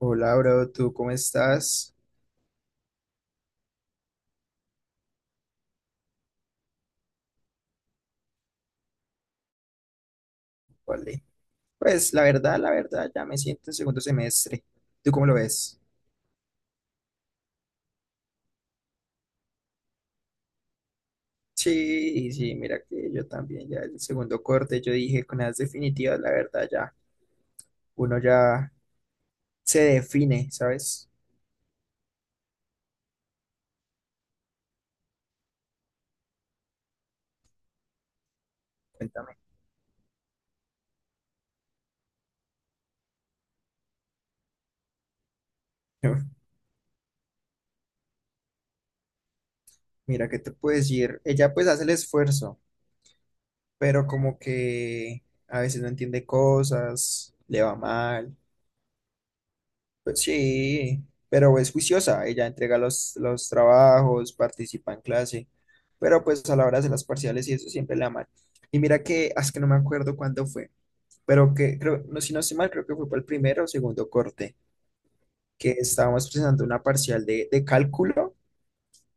Hola, bro, ¿tú cómo estás? Vale. Pues la verdad, ya me siento en segundo semestre. ¿Tú cómo lo ves? Sí, sí, mira que yo también, ya el segundo corte, yo dije con las definitivas, la verdad, ya uno ya se define, ¿sabes? Cuéntame. Mira, ¿qué te puedo decir? Ella pues hace el esfuerzo, pero como que a veces no entiende cosas, le va mal. Pues sí, pero es juiciosa, ella entrega los trabajos, participa en clase, pero pues a la hora de las parciales y eso siempre la aman. Y mira que, es que no me acuerdo cuándo fue, pero que creo, no, si no estoy mal, creo que fue para el primero o segundo corte, que estábamos presentando una parcial de cálculo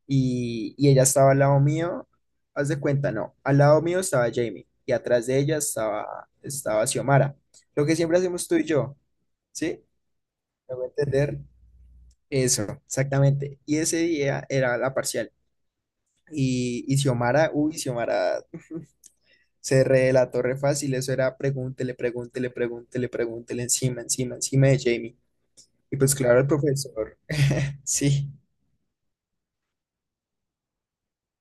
y ella estaba al lado mío, haz de cuenta, no, al lado mío estaba Jamie y atrás de ella estaba Xiomara, lo que siempre hacemos tú y yo, ¿sí? Me voy a entender. Eso, exactamente. Y ese día era la parcial. Y Xiomara, uy, Xiomara se relató re fácil. Eso era pregúntele, pregúntele, pregúntele, pregúntele encima, encima, encima de Jamie. Y pues claro, el profesor, sí.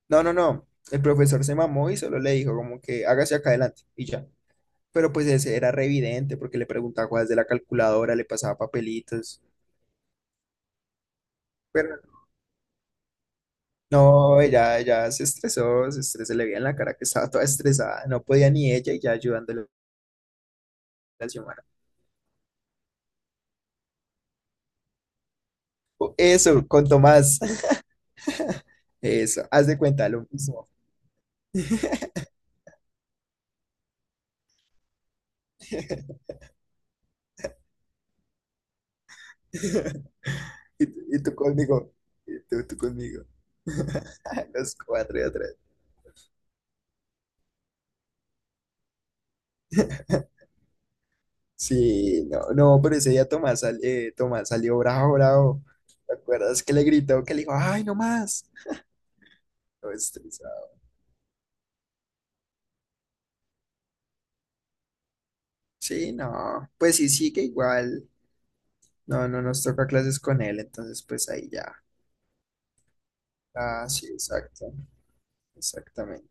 No, no, no. El profesor se mamó y solo le dijo como que hágase acá adelante y ya. Pero pues ese era re evidente porque le preguntaba cosas de la calculadora, le pasaba papelitos. Pero no, ella se estresó, se estresó, se le veía en la cara que estaba toda estresada, no podía ni ella y ya ayudándole a su... Oh, eso, con Tomás, eso, haz de cuenta lo mismo. Y tú y tú conmigo, y tú conmigo. Los cuatro y atrás. Sí, no, no, pero ese día Tomás, Tomás salió bravo, bravo. ¿Te acuerdas que le gritó, que le dijo, ay, no más? Todo estresado. Sí, no, pues sí, sigue igual. No, no nos toca clases con él, entonces pues ahí ya. Ah, sí, exacto, exactamente.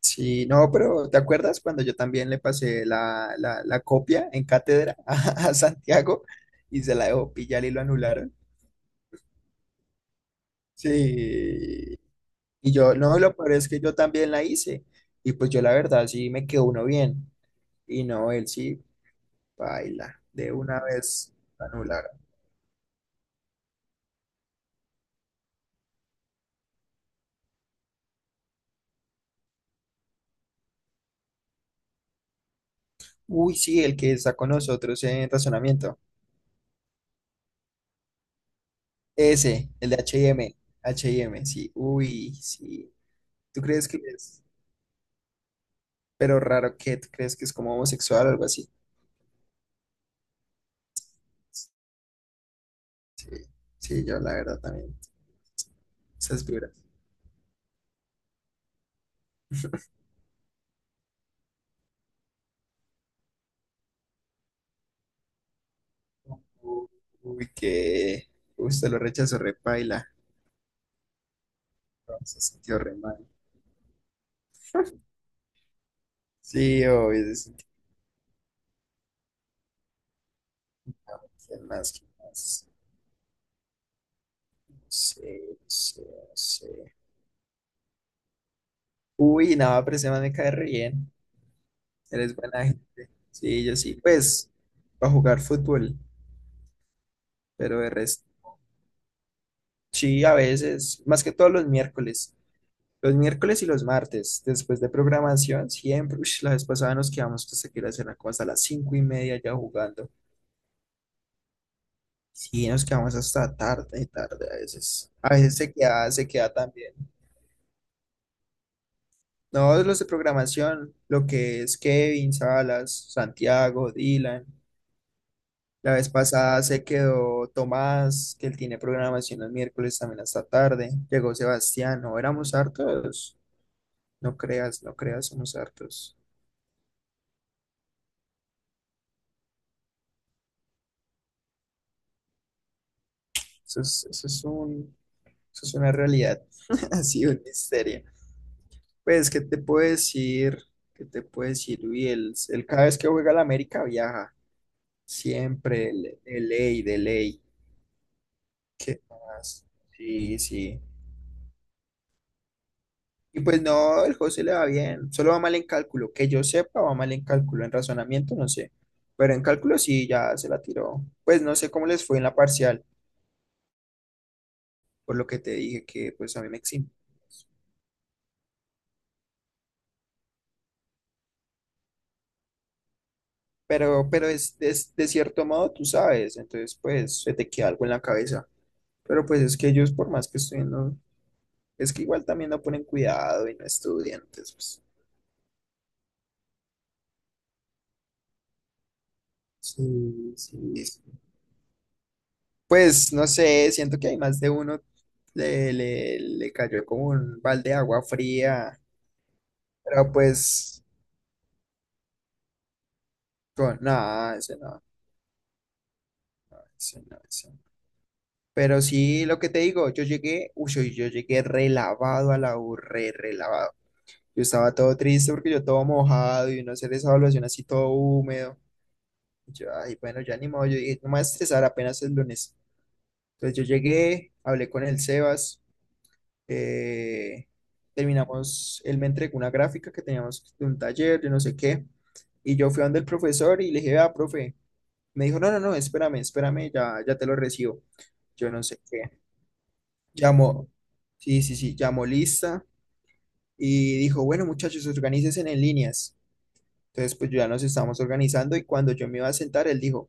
Sí, no, pero ¿te acuerdas cuando yo también le pasé la copia en cátedra a Santiago y se la dejó pillar y lo anularon? Sí, y yo, no, lo peor es que yo también la hice y pues yo la verdad sí me quedó uno bien y no, él sí, baila, de una vez lo anularon. Uy, sí, el que está con nosotros en razonamiento. Ese, el de H y M, H&M. M sí. Uy, sí. ¿Tú crees que es? Pero raro que tú crees que es como homosexual o algo así. Sí, sí, yo la verdad también. Esas vibras. Uy, uy, que. Uy, se lo rechazó repaila. No, se sintió re mal. Sí, obvio, se sintió. ¿Quién más, que más? No sé, no sé, no sé. Uy, nada, pero ese man me cae re bien. Eres buena gente. Sí, yo sí. Pues, para jugar fútbol, pero de resto. Sí, a veces, más que todos los miércoles y los martes, después de programación, siempre, ush, la vez pasada nos quedamos hasta que era la cosa, a las 5:30 ya jugando. Sí, nos quedamos hasta tarde, tarde a veces. A veces se queda también. No, los de programación, lo que es Kevin, Salas, Santiago, Dylan. La vez pasada se quedó Tomás, que él tiene programación los miércoles también hasta tarde. Llegó Sebastián, no, éramos hartos. No creas, no creas, somos hartos. Eso es, eso es un, eso es una realidad, ha sido un misterio. Pues, ¿qué te puedo decir? ¿Qué te puedo decir? Uy, él cada vez que juega al América viaja, siempre, de ley, de ley. ¿Qué más? Sí, sí. Y pues no, el José le va bien, solo va mal en cálculo, que yo sepa, va mal en cálculo, en razonamiento no sé, pero en cálculo sí, ya se la tiró. Pues no sé cómo les fue en la parcial, por lo que te dije que pues a mí me exime. Pero de cierto modo, tú sabes, entonces pues se te queda algo en la cabeza. Pero pues es que ellos, por más que estudien, no, es que igual también no ponen cuidado y no estudian, entonces pues sí, sí, sí. Pues no sé, siento que hay más de uno, le cayó como un balde de agua fría, pero pues con nada, ese no, ese no, ese no. Pero sí, lo que te digo, yo llegué, uy, yo llegué relavado a la U, relavado. Yo estaba todo triste porque yo todo mojado y no hacer esa evaluación así todo húmedo. Y yo, ay, bueno, ya ni modo, yo dije, no me voy a estresar, apenas el lunes. Entonces yo llegué, hablé con el Sebas, eh, terminamos, él me entregó una gráfica que teníamos de un taller, de no sé qué, y yo fui donde el profesor y le dije, ah, profe. Me dijo, no, no, no, espérame, espérame, ya, ya te lo recibo. Yo no sé qué. Llamó, sí, sí, sí, llamó lista y dijo, bueno, muchachos, organícense en líneas. Entonces, pues yo ya nos estábamos organizando y cuando yo me iba a sentar, él dijo,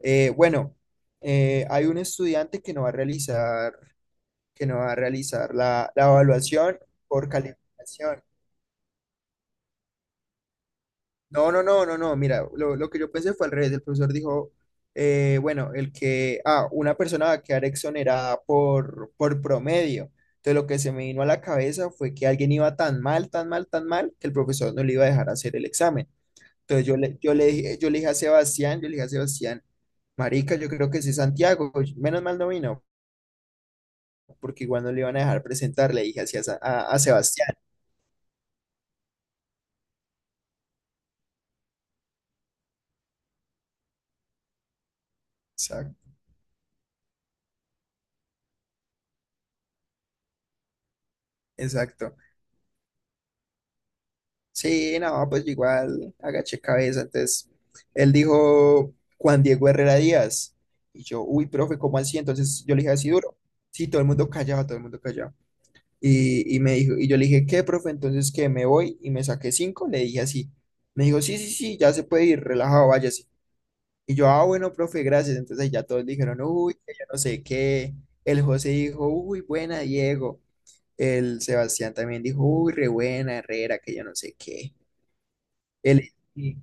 bueno, hay un estudiante que no va a realizar, que no va a realizar la evaluación por calificación. No, no, no, no, no, mira, lo que yo pensé fue al revés. El profesor dijo, bueno, el que, una persona va a quedar exonerada por promedio. Entonces, lo que se me vino a la cabeza fue que alguien iba tan mal, tan mal, tan mal, que el profesor no le iba a dejar hacer el examen. Entonces yo le dije a Sebastián, yo le dije a Sebastián, marica, yo creo que sí es Santiago, menos mal no vino, porque igual no le iban a dejar presentar, le dije así a Sebastián. Exacto, exacto. Sí, no, pues yo igual agaché cabeza, entonces él dijo Juan Diego Herrera Díaz, y yo, uy, profe, ¿cómo así? Entonces yo le dije así duro, sí, todo el mundo callado, todo el mundo callado. Y me dijo, y yo le dije, ¿qué, profe? Entonces que me voy y me saqué cinco, le dije así. Me dijo, sí, sí, sí, ya se puede ir, relajado, vaya, sí. Y yo, ah, bueno, profe, gracias. Entonces ya todos dijeron, uy, que yo no sé qué. El José dijo, uy, buena, Diego. El Sebastián también dijo, uy, re buena, Herrera, que yo no sé qué. El, Eli-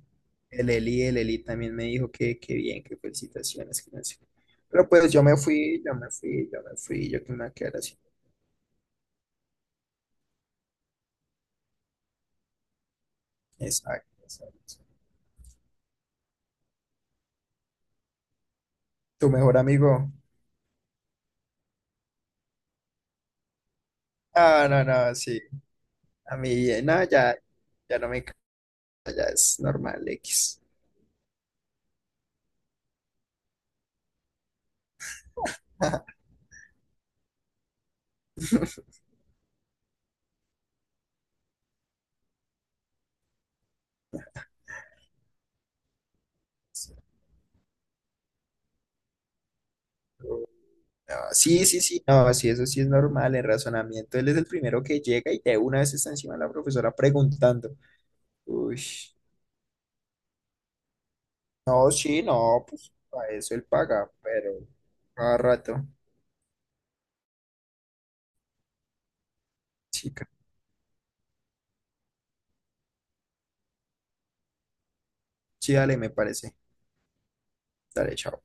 el Eli también me dijo que, bien, que felicitaciones, que no sé qué. Pero pues yo me fui, yo me fui, yo me fui, yo que me voy a quedar así. Exacto, exacto. Tu mejor amigo. Ah, no, no, sí. A mí, no, ya, ya no me, ya es normal, X. No, sí, sí, sí, no, sí, eso sí es normal, el razonamiento, él es el primero que llega y de una vez está encima de la profesora preguntando. Uy, no, sí, no, pues para eso él paga, pero cada rato, chica, sí, dale, me parece, dale, chao.